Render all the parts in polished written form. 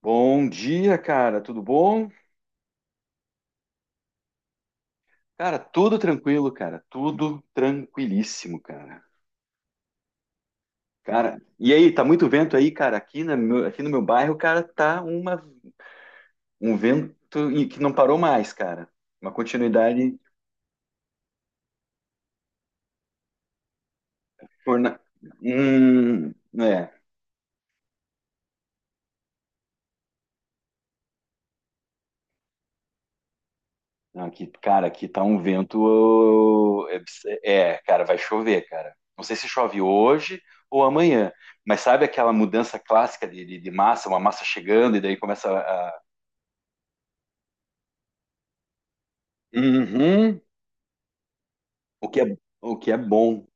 Bom dia, cara. Tudo bom? Cara, tudo tranquilo, cara. Tudo tranquilíssimo, cara. Cara, e aí, tá muito vento aí, cara? Aqui no meu bairro, cara, tá um vento e que não parou mais, cara. Uma continuidade. torna- Hum, é. Não, aqui, cara, aqui tá um vento. Ô, é, cara, vai chover, cara. Não sei se chove hoje ou amanhã, mas sabe aquela mudança clássica de massa, uma massa chegando e daí começa. Uhum. O que é, o que é bom.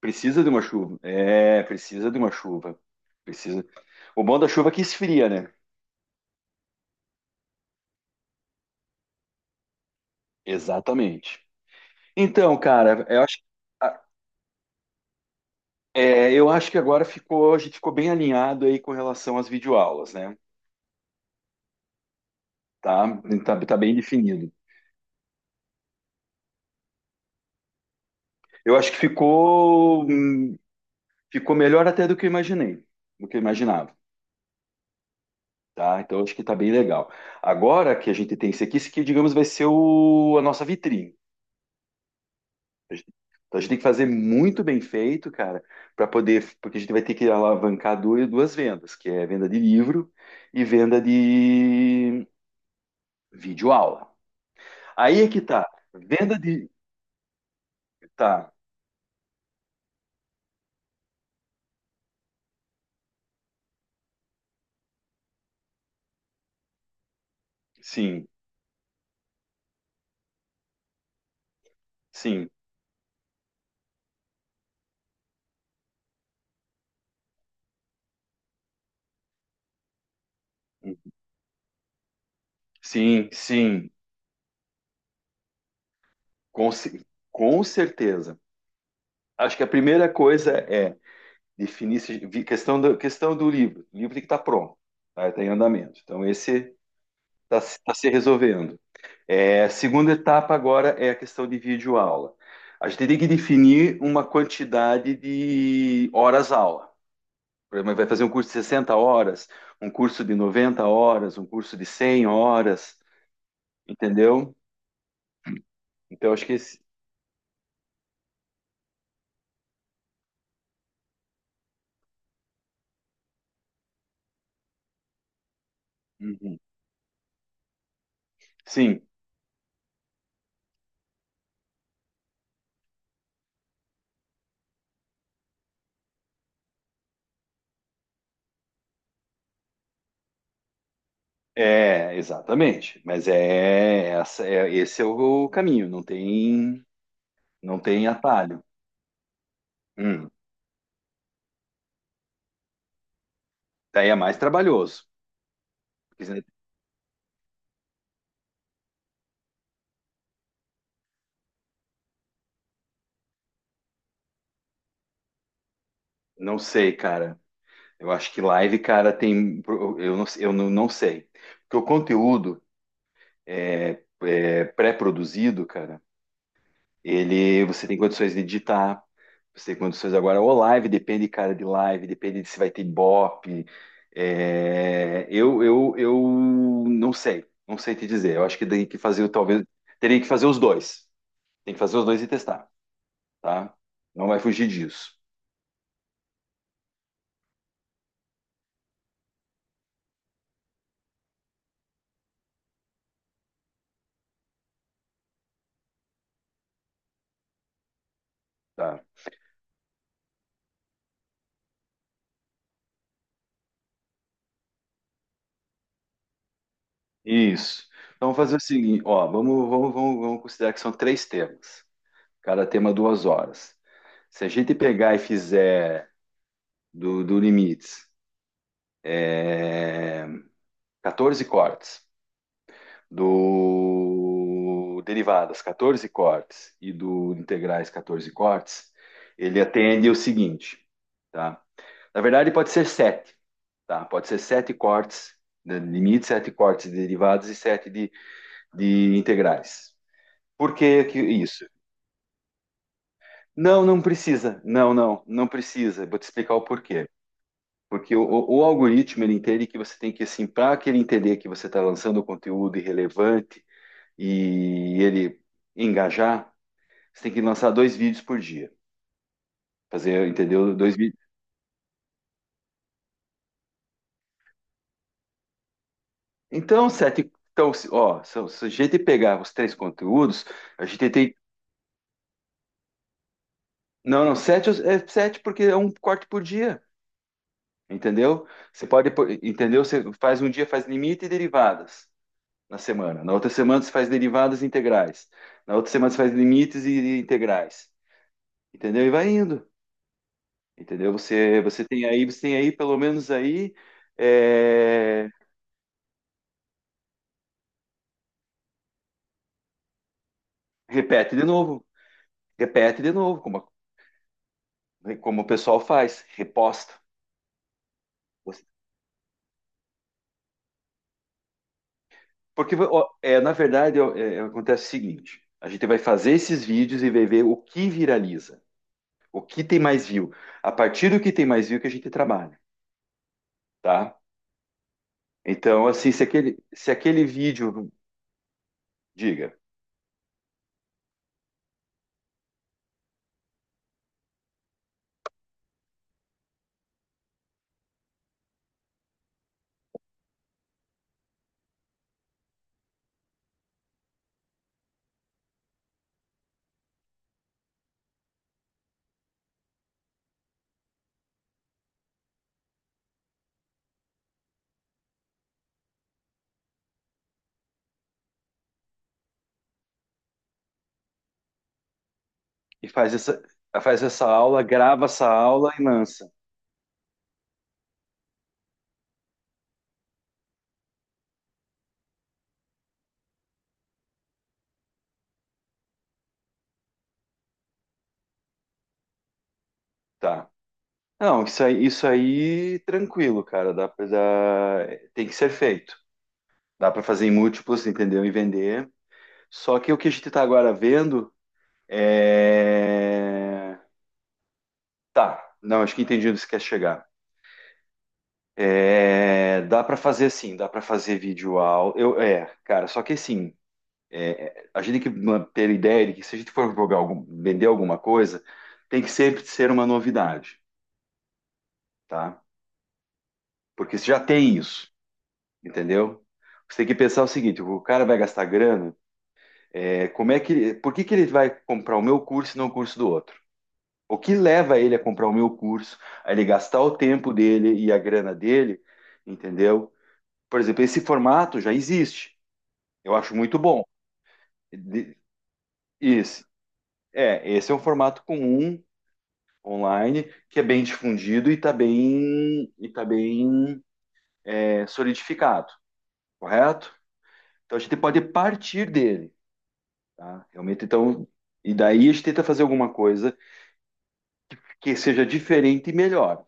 Precisa de uma chuva. É, precisa de uma chuva. Precisa. O bom da chuva é que esfria, né? Exatamente. Então, cara, ah, eu acho que agora a gente ficou bem alinhado aí com relação às videoaulas, né? Tá, tá, tá bem definido. Eu acho que ficou melhor até do que eu imaginei, do que eu imaginava. Tá? Então, acho que tá bem legal. Agora que a gente tem esse aqui, digamos, vai ser a nossa vitrine. A gente- Então a gente tem que fazer muito bem feito, cara, para poder, porque a gente vai ter que alavancar duas vendas, que é venda de livro e venda de videoaula. Aí é que tá. Venda de. Tá, sim, sim, sim, sim, com, ce- com certeza. Acho que a primeira coisa é definir questão do livro. O livro tem que estar pronto, tá? Está em andamento. Então esse está tá se resolvendo. É, a segunda etapa agora é a questão de videoaula. A gente tem que definir uma quantidade de horas-aula. Por exemplo, vai fazer um curso de 60 horas, um curso de 90 horas, um curso de 100 horas, entendeu? Então, acho que esse... Uhum. Sim, é, exatamente. Mas é, esse é o caminho, não tem atalho. Hum. Daí é mais trabalhoso. Quer dizer, não sei, cara. Eu acho que live, cara, tem. Eu não sei. Porque o conteúdo é pré-produzido, cara, ele você tem condições de editar, você tem condições agora. Ou live, depende, cara, de live, depende de se vai ter ibope. É, eu não sei, não sei te dizer. Eu acho que tem que fazer, talvez. Teria que fazer os dois. Tem que fazer os dois e testar, tá? Não vai fugir disso, tá? Isso. Então, vamos fazer o seguinte, ó, vamos considerar que são três temas. Cada tema 2 horas. Se a gente pegar e fizer do limites, é, 14 cortes, do derivadas, 14 cortes e do integrais, 14 cortes, ele atende o seguinte, tá? Na verdade, pode ser sete, tá? Pode ser sete cortes de limites, sete cortes de derivadas e sete de integrais. Por que que isso? Não, não precisa. Não, não, não precisa. Vou te explicar o porquê. Porque o algoritmo ele entende que você tem que assim, para que ele entender que você está lançando conteúdo irrelevante e ele engajar, você tem que lançar dois vídeos por dia. Fazer, entendeu? Dois vídeos. Então, sete. Então, se- ó, se a gente pegar os três conteúdos, a gente tem. Não, não, sete é sete porque é um corte por dia. Entendeu? Entendeu? Você faz um dia, faz limite e derivadas na semana. Na outra semana você faz derivadas e integrais. Na outra semana você faz limites e integrais. Entendeu? E vai indo. Entendeu? Você tem aí, pelo menos aí, é, repete de novo, repete de novo, como o pessoal faz, reposta. Você- Porque, na verdade, acontece o seguinte: a gente vai fazer esses vídeos e vai ver o que viraliza, o que tem mais view. A partir do que tem mais view que a gente trabalha, tá? Então, assim, se aquele vídeo. Diga. E faz essa aula, grava essa aula e lança. Tá. Não, isso aí tranquilo, cara. Tem que ser feito. Dá para fazer em múltiplos, entendeu? E vender. Só que o que a gente tá agora vendo é. Tá. Não, acho que entendi onde você quer chegar. É, dá para fazer sim, dá para fazer vídeo aula. Cara, só que assim, a gente tem que ter ideia de que se a gente for jogar algum, vender alguma coisa, tem que sempre ser uma novidade, tá? Porque você já tem isso, entendeu? Você tem que pensar o seguinte: o cara vai gastar grana, por que que ele vai comprar o meu curso e não o curso do outro? O que leva ele a comprar o meu curso, a ele gastar o tempo dele e a grana dele, entendeu? Por exemplo, esse formato já existe. Eu acho muito bom. De- Esse, esse é um formato comum online, que é bem difundido e tá bem, solidificado, correto? Então a gente pode partir dele, tá? Realmente, então, e daí a gente tenta fazer alguma coisa que seja diferente e melhor,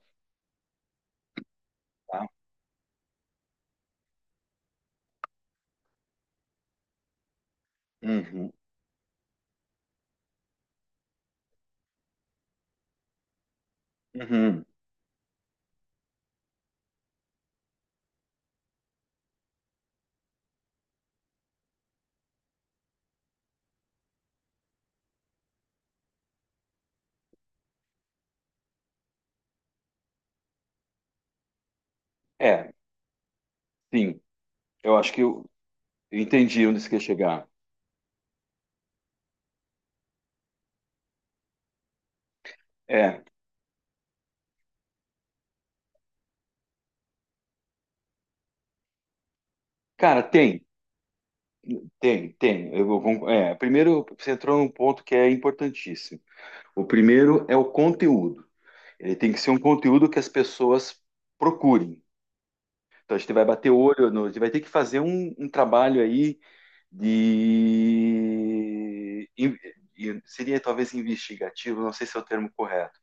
tá? Uhum, uhum. É, sim, eu acho que eu entendi onde você quer chegar. É, cara, tem, tem, tem. Eu, vou con- é, Primeiro, você entrou num ponto que é importantíssimo. O primeiro é o conteúdo. Ele tem que ser um conteúdo que as pessoas procurem. Então a gente vai bater o olho, a gente vai ter que fazer um trabalho aí de. in- seria talvez investigativo, não sei se é o termo correto,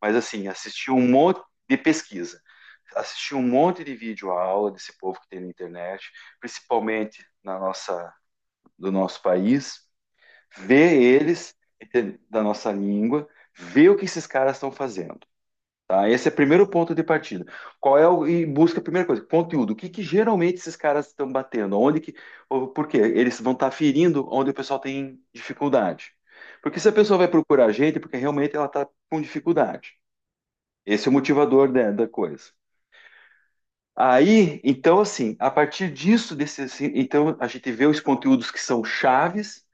mas assim, assistir um monte de pesquisa, assistir um monte de vídeo aula desse povo que tem na internet, principalmente na nossa, do nosso país, ver eles, entende? Da nossa língua, ver o que esses caras estão fazendo. Tá? Esse é o primeiro ponto de partida. Qual é o, e busca a primeira coisa, conteúdo. O que que geralmente esses caras estão batendo? Onde que, ou por quê? Eles vão estar ferindo onde o pessoal tem dificuldade. Porque se a pessoa vai procurar a gente, é porque realmente ela está com dificuldade. Esse é o motivador da coisa. Aí, então, assim, a partir disso, desse, assim, então a gente vê os conteúdos que são chaves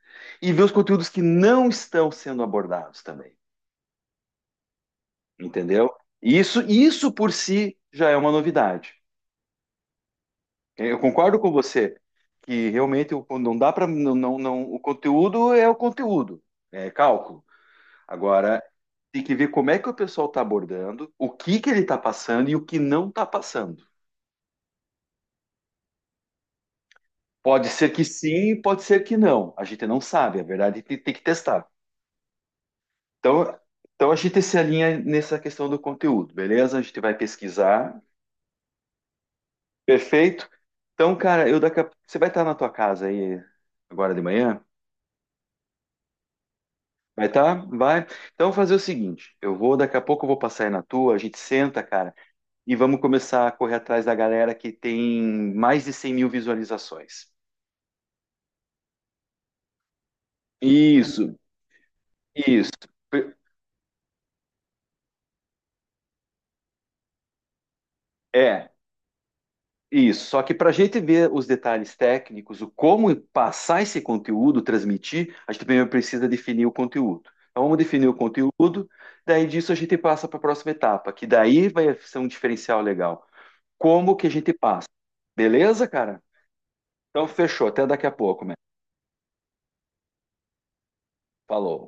e vê os conteúdos que não estão sendo abordados também, entendeu? Isso por si já é uma novidade. Eu concordo com você que realmente não dá para não, não, o conteúdo, é cálculo. Agora tem que ver como é que o pessoal está abordando, o que que ele está passando e o que não está passando. Pode ser que sim, pode ser que não. A gente não sabe, a verdade tem que testar. Então, então a gente se alinha nessa questão do conteúdo, beleza? A gente vai pesquisar. Perfeito. Então, cara, você vai estar na tua casa aí agora de manhã? Vai tá? Vai. Então, vou fazer o seguinte: daqui a pouco eu vou passar aí na tua, a gente senta, cara, e vamos começar a correr atrás da galera que tem mais de 100 mil visualizações. Isso, isso. É, isso. Só que para a gente ver os detalhes técnicos, o como passar esse conteúdo, transmitir, a gente primeiro precisa definir o conteúdo. Então, vamos definir o conteúdo, daí disso a gente passa para a próxima etapa, que daí vai ser um diferencial legal. Como que a gente passa? Beleza, cara? Então, fechou. Até daqui a pouco, man. Falou.